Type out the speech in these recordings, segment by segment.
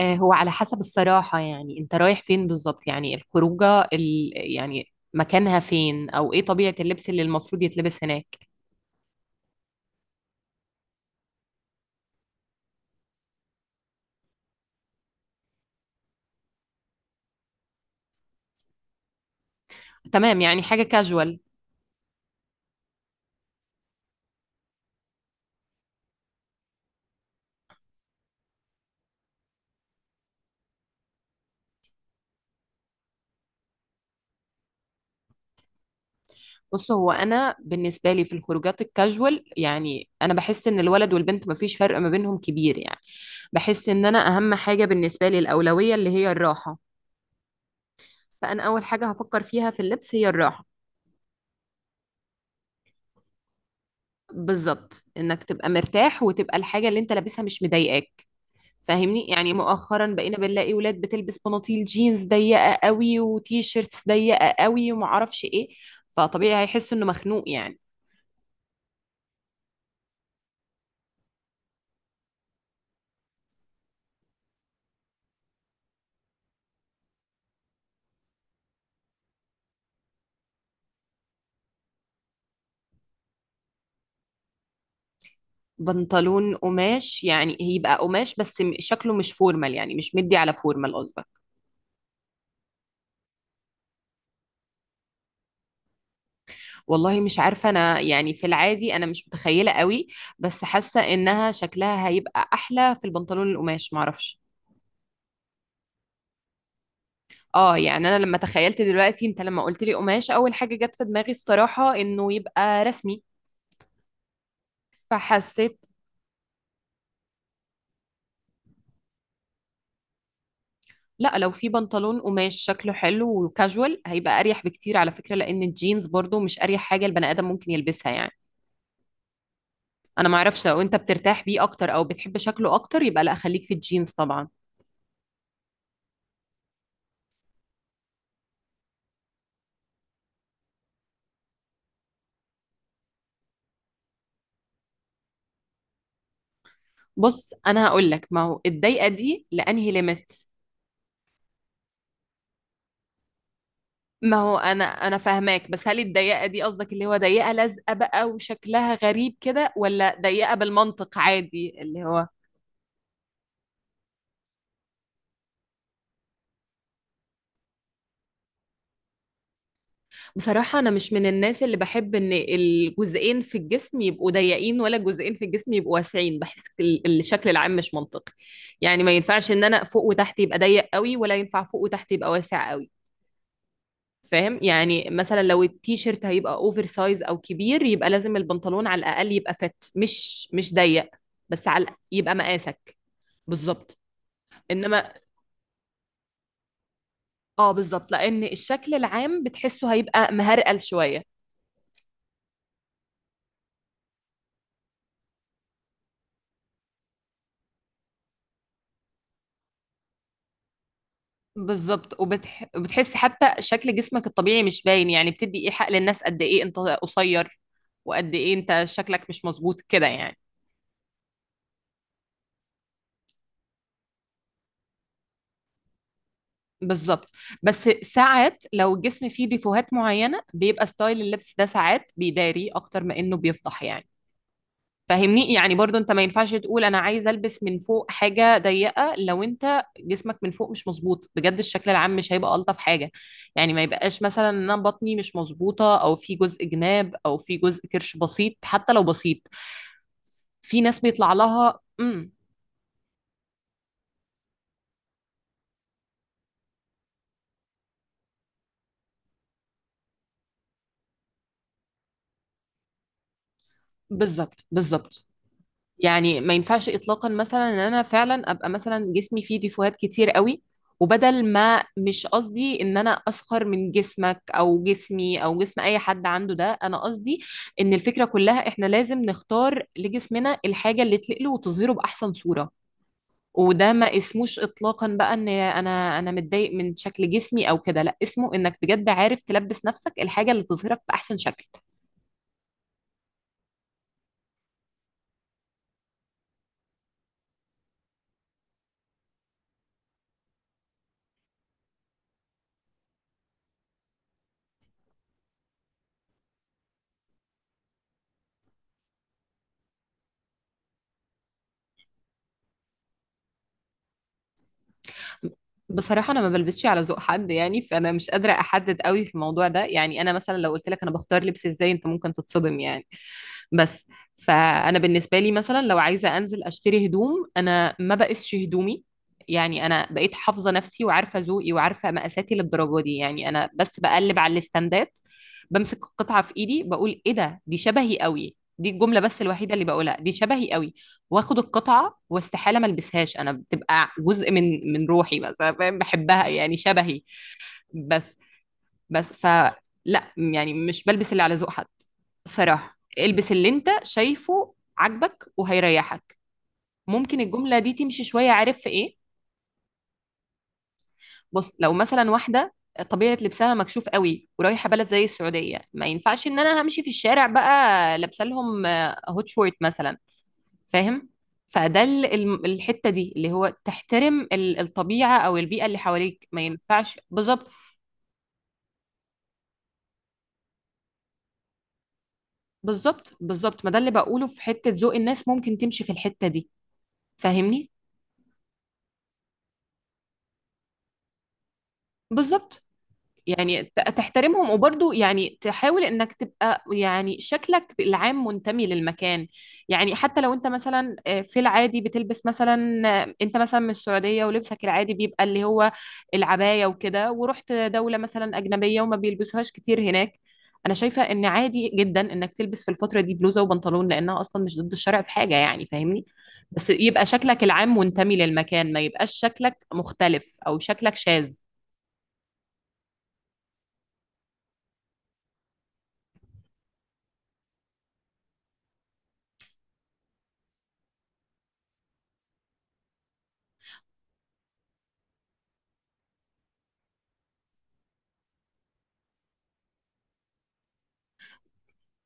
آه، هو على حسب الصراحة. يعني انت رايح فين بالظبط؟ يعني الخروجة يعني مكانها فين او ايه طبيعة اللبس اللي المفروض يتلبس هناك؟ تمام، يعني حاجة كاجوال. بص، هو انا بالنسبة لي في الخروجات الكاجوال يعني انا بحس ان الولد والبنت مفيش فرق ما بينهم كبير يعني. بحس ان انا اهم حاجة بالنسبة لي الاولوية اللي هي الراحة. فانا اول حاجة هفكر فيها في اللبس هي الراحة. بالظبط، انك تبقى مرتاح وتبقى الحاجة اللي انت لابسها مش مضايقاك. فاهمني، يعني مؤخرا بقينا بنلاقي ولاد بتلبس بناطيل جينز ضيقه قوي وتي شيرتس ضيقه قوي ومعرفش ايه. فطبيعي هيحس انه مخنوق يعني. بنطلون قماش يعني هيبقى قماش بس شكله مش فورمال، يعني مش مدي على فورمال قصدك. والله مش عارفه انا، يعني في العادي انا مش متخيله قوي، بس حاسه انها شكلها هيبقى احلى في البنطلون القماش، معرفش. اه يعني انا لما تخيلت دلوقتي انت لما قلت لي قماش اول حاجه جت في دماغي الصراحه انه يبقى رسمي، فحسيت. لا، لو في بنطلون قماش شكله حلو وكاجوال هيبقى اريح بكتير على فكرة، لان الجينز برضو مش اريح حاجة البني ادم ممكن يلبسها يعني. انا ما اعرفش، لو انت بترتاح بيه اكتر او بتحب شكله اكتر يبقى لا، خليك في الجينز طبعا. بص انا هقول لك، ما هو الضيقة دي لانهي ليميت. ما هو انا فاهماك، بس هل الضيقة دي قصدك اللي هو ضيقة لازقة بقى وشكلها غريب كده ولا ضيقة بالمنطق عادي اللي هو. بصراحة أنا مش من الناس اللي بحب إن الجزئين في الجسم يبقوا ضيقين ولا الجزئين في الجسم يبقوا واسعين. بحس الشكل العام مش منطقي. يعني ما ينفعش إن أنا فوق وتحت يبقى ضيق قوي ولا ينفع فوق وتحت يبقى واسع قوي. فاهم، يعني مثلا لو التيشيرت هيبقى أوفر سايز أو كبير يبقى لازم البنطلون على الأقل يبقى فت، مش ضيق. بس على الأقل يبقى مقاسك. بالظبط. إنما آه بالظبط، لأن الشكل العام بتحسه هيبقى مهرقل شوية. بالضبط، وبتحسي حتى شكل جسمك الطبيعي مش باين يعني، بتدي ايحاء للناس قد ايه انت قصير وقد ايه انت شكلك مش مظبوط كده يعني. بالظبط. بس ساعات لو الجسم فيه ديفوهات معينة بيبقى ستايل اللبس ده ساعات بيداري اكتر ما انه بيفضح يعني. فاهمني، يعني برضو انت ما ينفعش تقول انا عايز البس من فوق حاجه ضيقه لو انت جسمك من فوق مش مظبوط بجد، الشكل العام مش هيبقى الطف حاجه. يعني ما يبقاش مثلا ان انا بطني مش مظبوطه او في جزء جناب او في جزء كرش بسيط، حتى لو بسيط. في ناس بيطلع لها بالظبط بالظبط. يعني ما ينفعش اطلاقا مثلا ان انا فعلا ابقى مثلا جسمي فيه ديفوهات كتير قوي. وبدل ما مش قصدي ان انا اسخر من جسمك او جسمي او جسم اي حد عنده، ده انا قصدي ان الفكرة كلها احنا لازم نختار لجسمنا الحاجة اللي تليق له وتظهره باحسن صورة. وده ما اسموش اطلاقا بقى ان انا متضايق من شكل جسمي او كده، لا، اسمه انك بجد عارف تلبس نفسك الحاجة اللي تظهرك باحسن شكل. بصراحة أنا ما بلبسش على ذوق حد يعني، فأنا مش قادرة أحدد قوي في الموضوع ده. يعني أنا مثلا لو قلت لك أنا بختار لبس إزاي أنت ممكن تتصدم يعني. بس فانا بالنسبه لي مثلا لو عايزه انزل اشتري هدوم انا ما بقيسش هدومي. يعني انا بقيت حافظه نفسي وعارفه ذوقي وعارفه مقاساتي للدرجه دي يعني. انا بس بقلب على الاستندات، بمسك القطعه في ايدي بقول ايه ده، دي شبهي قوي، دي الجمله بس الوحيده اللي بقولها، دي شبهي قوي. واخد القطعه واستحاله ما البسهاش، انا بتبقى جزء من روحي بس أنا فاهم بحبها يعني شبهي. بس بس فلا. يعني مش بلبس اللي على ذوق حد. صراحة البس اللي انت شايفه عاجبك وهيريحك. ممكن الجملة دي تمشي شوية، عارف في ايه؟ بص، لو مثلا واحدة طبيعة لبسها مكشوف قوي ورايحة بلد زي السعودية ما ينفعش ان انا همشي في الشارع بقى لابسه لهم هوت شورت مثلا. فاهم؟ فده الحتة دي اللي هو تحترم الطبيعة او البيئة اللي حواليك، ما ينفعش. بالظبط بالظبط. بالظبط ما ده اللي بقوله في حتة ذوق الناس ممكن تمشي في الحتة دي. فاهمني. بالظبط، يعني تحترمهم وبرضه يعني تحاول انك تبقى يعني شكلك العام منتمي للمكان. يعني حتى لو انت مثلا في العادي بتلبس مثلا انت مثلا من السعودية ولبسك العادي بيبقى اللي هو العباية وكده، ورحت دولة مثلا أجنبية وما بيلبسوهاش كتير هناك، انا شايفة ان عادي جدا انك تلبس في الفترة دي بلوزة وبنطلون لانها اصلا مش ضد الشرع في حاجة يعني. فاهمني؟ بس يبقى شكلك العام منتمي للمكان، ما يبقاش شكلك مختلف او شكلك شاذ.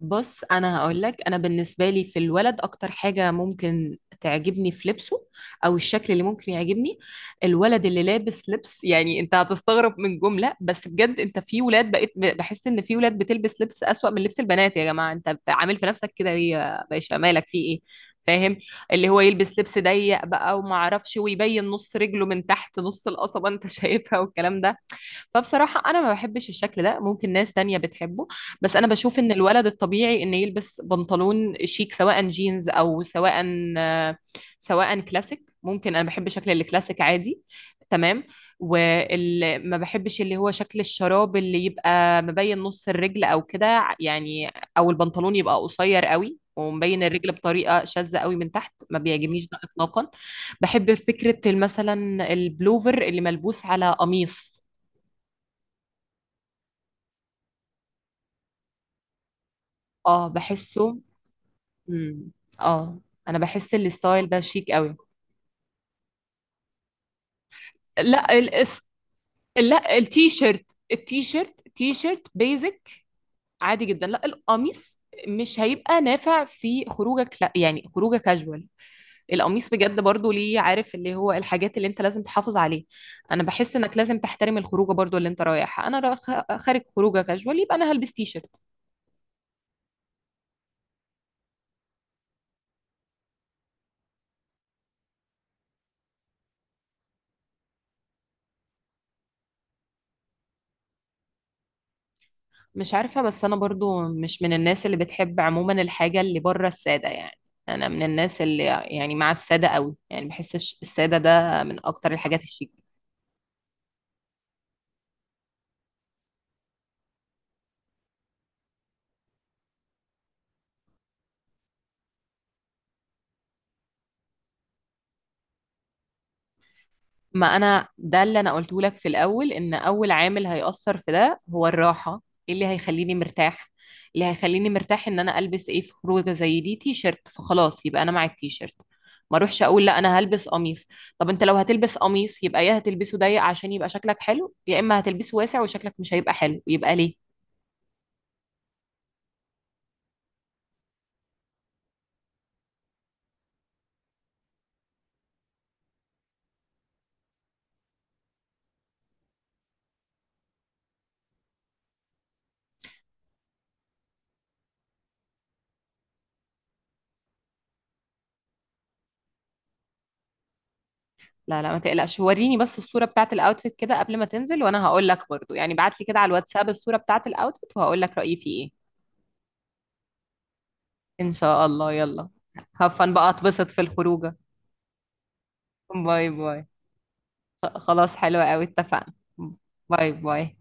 بص انا هقول لك، انا بالنسبه لي في الولد اكتر حاجه ممكن تعجبني في لبسه او الشكل اللي ممكن يعجبني، الولد اللي لابس لبس يعني انت هتستغرب من جمله بس بجد انت في ولاد بقيت بحس ان في ولاد بتلبس لبس اسوأ من لبس البنات. يا جماعه، انت عامل في نفسك كده ليه يا باشا، مالك في ايه؟ فاهم؟ اللي هو يلبس لبس ضيق بقى وما اعرفش ويبين نص رجله من تحت نص القصبه انت شايفها والكلام ده. فبصراحة أنا ما بحبش الشكل ده، ممكن ناس تانية بتحبه. بس أنا بشوف إن الولد الطبيعي إن يلبس بنطلون شيك سواء جينز أو سواء كلاسيك. ممكن أنا بحب شكل الكلاسيك عادي. تمام. وما بحبش اللي هو شكل الشراب اللي يبقى مبين نص الرجل أو كده يعني، أو البنطلون يبقى قصير قوي ومبين الرجل بطريقة شاذة قوي من تحت، ما بيعجبنيش ده إطلاقا. بحب فكرة مثلا البلوفر اللي ملبوس على قميص. اه، بحسه. امم اه، انا بحس الستايل ده شيك قوي. لا. لا، التي شيرت. التي شيرت تي شيرت بيزك. عادي جدا، لا القميص مش هيبقى نافع في خروجك، لا يعني خروجك كاجوال. القميص بجد برضو، ليه؟ عارف اللي هو الحاجات اللي انت لازم تحافظ عليه. انا بحس انك لازم تحترم الخروجه برضو اللي انت رايحها، انا رايح خارج خروجه كاجوال يبقى انا هلبس تي شيرت. مش عارفة، بس أنا برضو مش من الناس اللي بتحب عموما الحاجة اللي بره السادة يعني. أنا من الناس اللي يعني مع السادة قوي، يعني بحس السادة ده من أكتر الحاجات الشيك. ما انا ده اللي انا قلته لك في الاول، ان اول عامل هيأثر في ده هو الراحه. إيه اللي هيخليني مرتاح؟ اللي هيخليني مرتاح ان انا البس ايه في خروجه زي دي تي شيرت، فخلاص يبقى انا مع التي شيرت. ما اروحش اقول لا انا هلبس قميص. طب انت لو هتلبس قميص يبقى يا هتلبسه ضيق عشان يبقى شكلك حلو يا اما هتلبسه واسع وشكلك مش هيبقى حلو، يبقى ليه؟ لا لا ما تقلقش، وريني بس الصوره بتاعت الاوتفيت كده قبل ما تنزل وانا هقول لك برضو، يعني بعت لي كده على الواتساب الصوره بتاعت الاوتفيت وهقول لك رايي فيه ايه. إن شاء الله، يلا. هفن بقى أتبسط في الخروجة. باي باي. خلاص حلوة أوي، اتفقنا. باي باي.